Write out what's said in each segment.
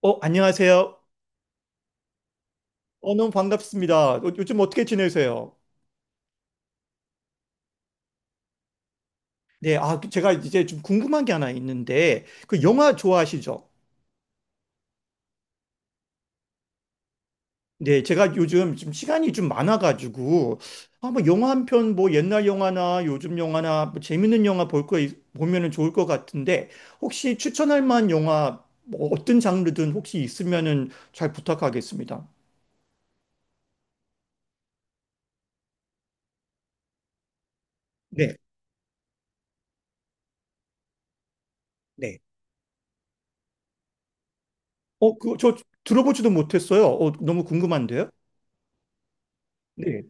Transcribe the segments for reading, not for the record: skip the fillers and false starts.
안녕하세요. 너무 반갑습니다. 요즘 어떻게 지내세요? 네, 아, 그 제가 이제 좀 궁금한 게 하나 있는데, 그 영화 좋아하시죠? 네, 제가 요즘 좀 시간이 좀 많아가지고, 아, 뭐 영화 한 편, 뭐 옛날 영화나 요즘 영화나 뭐 재밌는 영화 볼 거, 보면은 좋을 것 같은데, 혹시 추천할 만한 영화, 뭐 어떤 장르든 혹시 있으면은 잘 부탁하겠습니다. 네, 네. 그, 저 들어보지도 못했어요. 너무 궁금한데요? 네.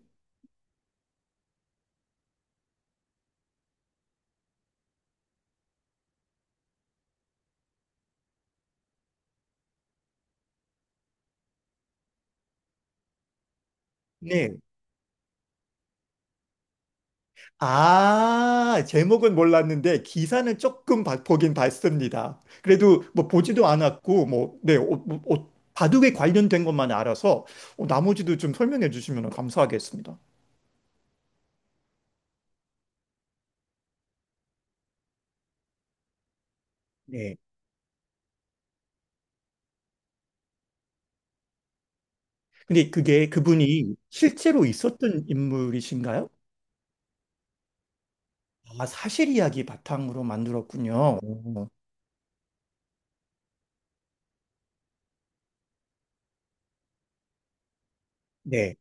네. 아, 제목은 몰랐는데 기사는 조금 보긴 봤습니다. 그래도 뭐 보지도 않았고 뭐 네, 뭐, 바둑에 관련된 것만 알아서 나머지도 좀 설명해 주시면 감사하겠습니다. 네. 근데 그게 그분이 실제로 있었던 인물이신가요? 아, 사실 이야기 바탕으로 만들었군요. 오. 네.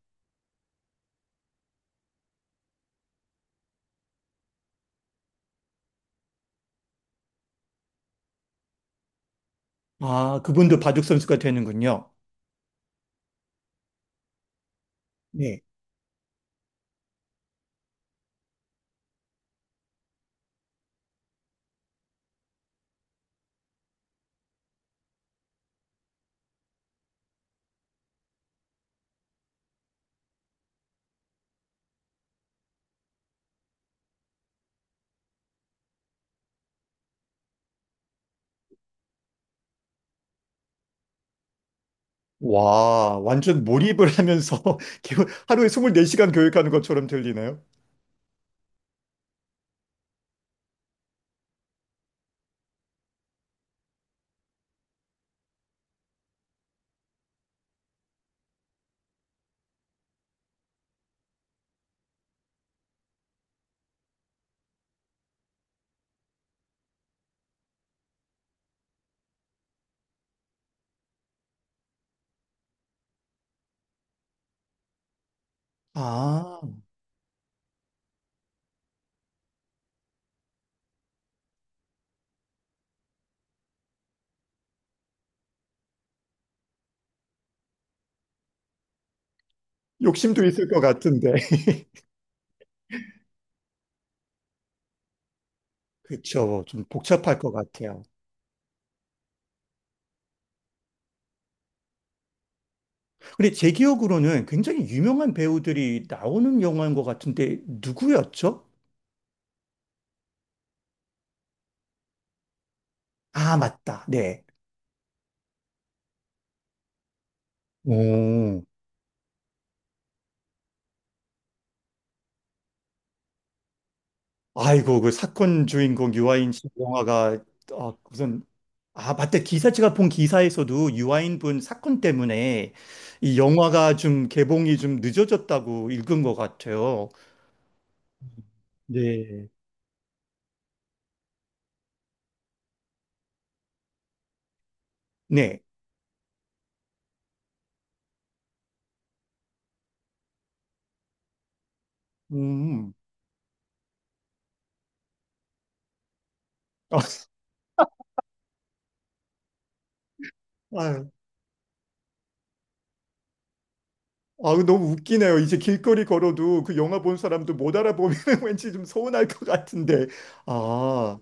아, 그분도 바둑 선수가 되는군요. 네. 와, 완전 몰입을 하면서 하루에 24시간 교육하는 것처럼 들리네요. 아, 욕심도 있을 것 같은데. 그쵸. 좀 복잡할 것 같아요. 근데 제 기억으로는 굉장히 유명한 배우들이 나오는 영화인 것 같은데, 누구였죠? 아, 맞다. 네. 오. 아이고, 그 사건 주인공 유아인 씨 영화가, 아, 무슨, 아, 맞다. 기사, 제가 본 기사에서도 유아인 분 사건 때문에 이 영화가 좀 개봉이 좀 늦어졌다고 읽은 것 같아요. 네. 네. 음. 아, 아, 너무 웃기네요. 이제 길거리 걸어도 그 영화 본 사람도 못 알아보면 왠지 좀 서운할 것 같은데. 아,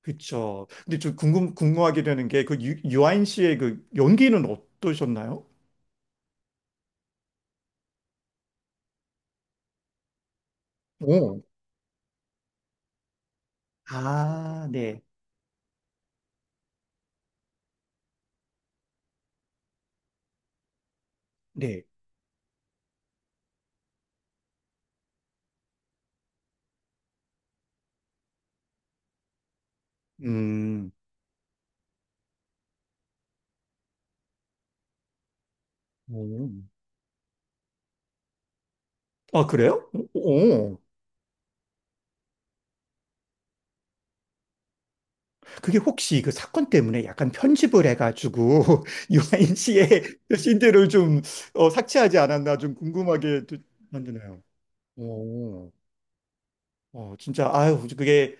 그쵸. 근데 좀 궁금하게 되는 게 그 유아인 씨의 그 연기는 어떠셨나요? 오. 아, 네. 네. 음. 오. 아, 그래요? 오. 그게 혹시 그 사건 때문에 약간 편집을 해가지고 유아인 씨의 씬들을 좀 삭제하지 않았나 좀 궁금하게 만드네요. 오. 진짜, 아유, 그게,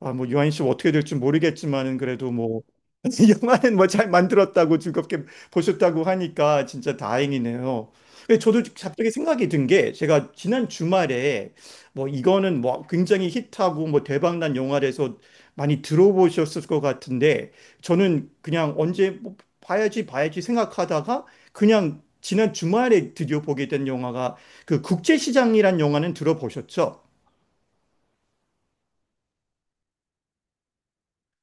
아, 뭐, 유아인 씨 어떻게 될지 모르겠지만은, 그래도 뭐, 영화는 뭐 잘 만들었다고 즐겁게 보셨다고 하니까 진짜 다행이네요. 근데 저도 갑자기 생각이 든 게, 제가 지난 주말에, 뭐, 이거는 뭐, 굉장히 히트하고, 뭐, 대박난 영화라서 많이 들어보셨을 것 같은데, 저는 그냥 언제, 뭐, 봐야지, 봐야지 생각하다가, 그냥 지난 주말에 드디어 보게 된 영화가, 그 국제시장이란 영화는 들어보셨죠?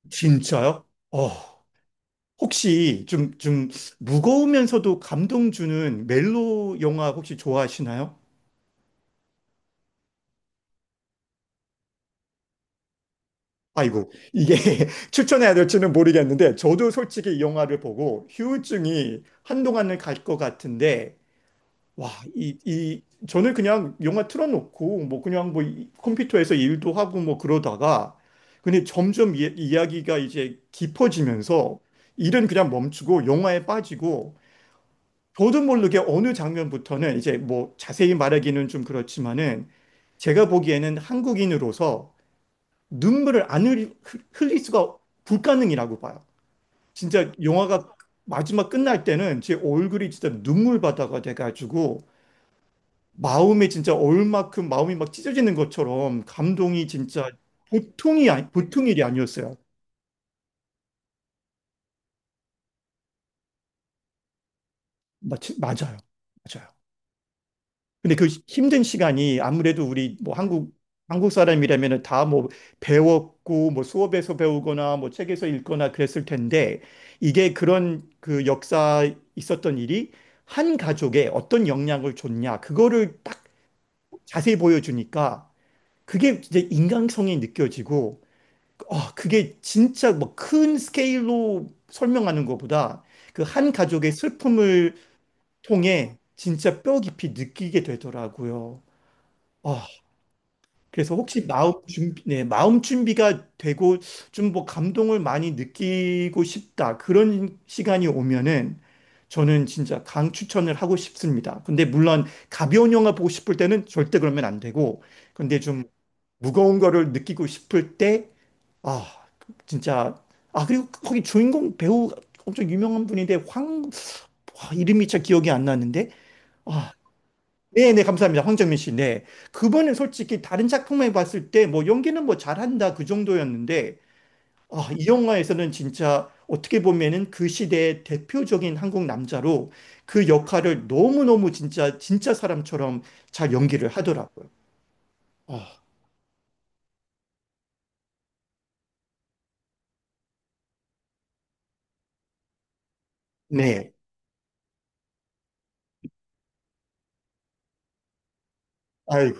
진짜요? 어, 혹시 좀, 무거우면서도 감동 주는 멜로 영화 혹시 좋아하시나요? 아이고, 이게 추천해야 될지는 모르겠는데, 저도 솔직히 이 영화를 보고 휴증이 한동안은 갈 것 같은데, 와, 저는 그냥 영화 틀어놓고, 뭐 그냥 뭐 컴퓨터에서 일도 하고 뭐 그러다가, 근데 점점 이야기가 이제 깊어지면서, 일은 그냥 멈추고 영화에 빠지고, 저도 모르게 어느 장면부터는 이제 뭐 자세히 말하기는 좀 그렇지만은 제가 보기에는 한국인으로서 눈물을 안 흘릴 수가 불가능이라고 봐요. 진짜 영화가 마지막 끝날 때는 제 얼굴이 진짜 눈물바다가 돼가지고 마음이 진짜 얼만큼 마음이 막 찢어지는 것처럼 감동이 진짜 보통이 아니, 보통 일이 아니었어요. 맞아요. 맞아요. 근데 그 힘든 시간이 아무래도 우리 뭐 한국 사람이라면 다 뭐 배웠고 뭐 수업에서 배우거나 뭐 책에서 읽거나 그랬을 텐데 이게 그런 그 역사 있었던 일이 한 가족에 어떤 영향을 줬냐 그거를 딱 자세히 보여주니까 그게 이제 인간성이 느껴지고 아 그게 진짜 뭐 큰 스케일로 설명하는 것보다 그 한 가족의 슬픔을 통해 진짜 뼈 깊이 느끼게 되더라고요. 아, 그래서 혹시 마음 준비, 네, 마음 준비가 되고 좀 뭐 감동을 많이 느끼고 싶다. 그런 시간이 오면은 저는 진짜 강 추천을 하고 싶습니다. 근데 물론 가벼운 영화 보고 싶을 때는 절대 그러면 안 되고, 근데 좀 무거운 거를 느끼고 싶을 때, 아, 진짜, 아, 그리고 거기 주인공 배우 엄청 유명한 분인데, 와, 이름이 잘 기억이 안 나는데, 아, 네, 네, 감사합니다. 황정민 씨. 네. 그분은 솔직히 다른 작품에 봤을 때 뭐 연기는 뭐 잘한다 그 정도였는데 아, 이 영화에서는 진짜 어떻게 보면은 그 시대의 대표적인 한국 남자로 그 역할을 너무너무 진짜 진짜 사람처럼 잘 연기를 하더라고요. 아, 네. 아이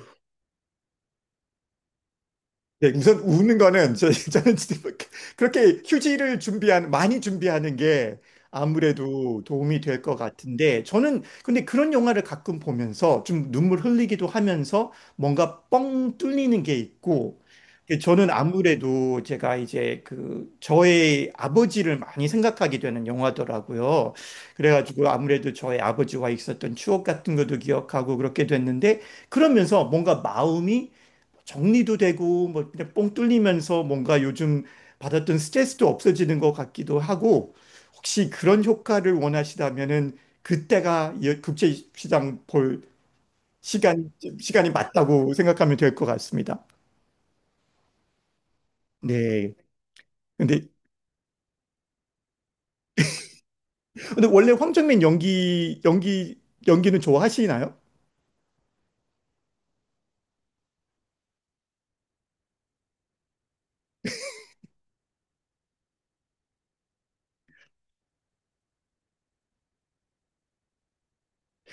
네, 우선 우는 거는 저는 진짜 뭐 그, 그렇게 휴지를 준비한 많이 준비하는 게 아무래도 도움이 될 것 같은데 저는 근데 그런 영화를 가끔 보면서 좀 눈물 흘리기도 하면서 뭔가 뻥 뚫리는 게 있고 근데 저는 아무래도 제가 이제 그 저의 아버지를 많이 생각하게 되는 영화더라고요. 그래가지고 아무래도 저의 아버지와 있었던 추억 같은 것도 기억하고 그렇게 됐는데 그러면서 뭔가 마음이 정리도 되고 뭐 그냥 뽕 뚫리면서 뭔가 요즘 받았던 스트레스도 없어지는 것 같기도 하고 혹시 그런 효과를 원하시다면은 그때가 이 국제시장 볼 시간 시간이 맞다고 생각하면 될 것 같습니다. 네. 근데 근데 원래 황정민 연기는 좋아하시나요?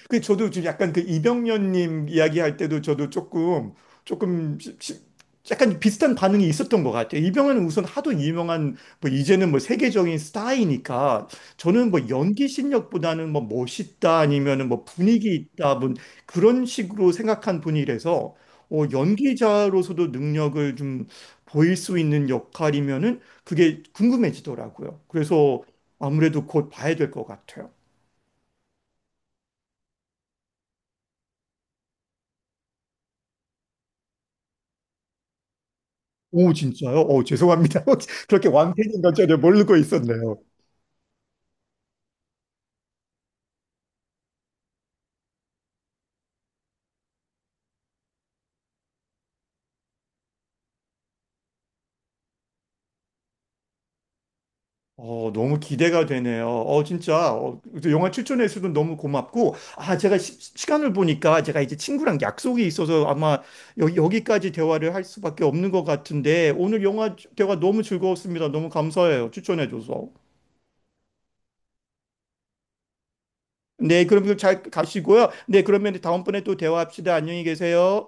그 저도 지금 약간 그 이병련님 이야기할 때도 저도 조금 약간 비슷한 반응이 있었던 것 같아요. 이병헌은 우선 하도 유명한 뭐 이제는 뭐 세계적인 스타이니까 저는 뭐 연기 실력보다는 뭐 멋있다 아니면은 뭐 분위기 있다 뭐 그런 식으로 생각한 분이라서 연기자로서도 능력을 좀 보일 수 있는 역할이면은 그게 궁금해지더라고요. 그래서 아무래도 곧 봐야 될 것 같아요. 오, 진짜요? 오, 죄송합니다. 그렇게 완패인 건 전혀 모르고 있었네요. 너무 기대가 되네요. 진짜. 영화 추천해 주셔서 너무 고맙고. 아, 제가 시, 간을 보니까 제가 이제 친구랑 약속이 있어서 아마 여, 기까지 대화를 할 수밖에 없는 것 같은데 오늘 영화 대화 너무 즐거웠습니다. 너무 감사해요. 추천해 줘서. 네, 그럼 잘 가시고요. 네, 그러면 다음번에 또 대화합시다. 안녕히 계세요.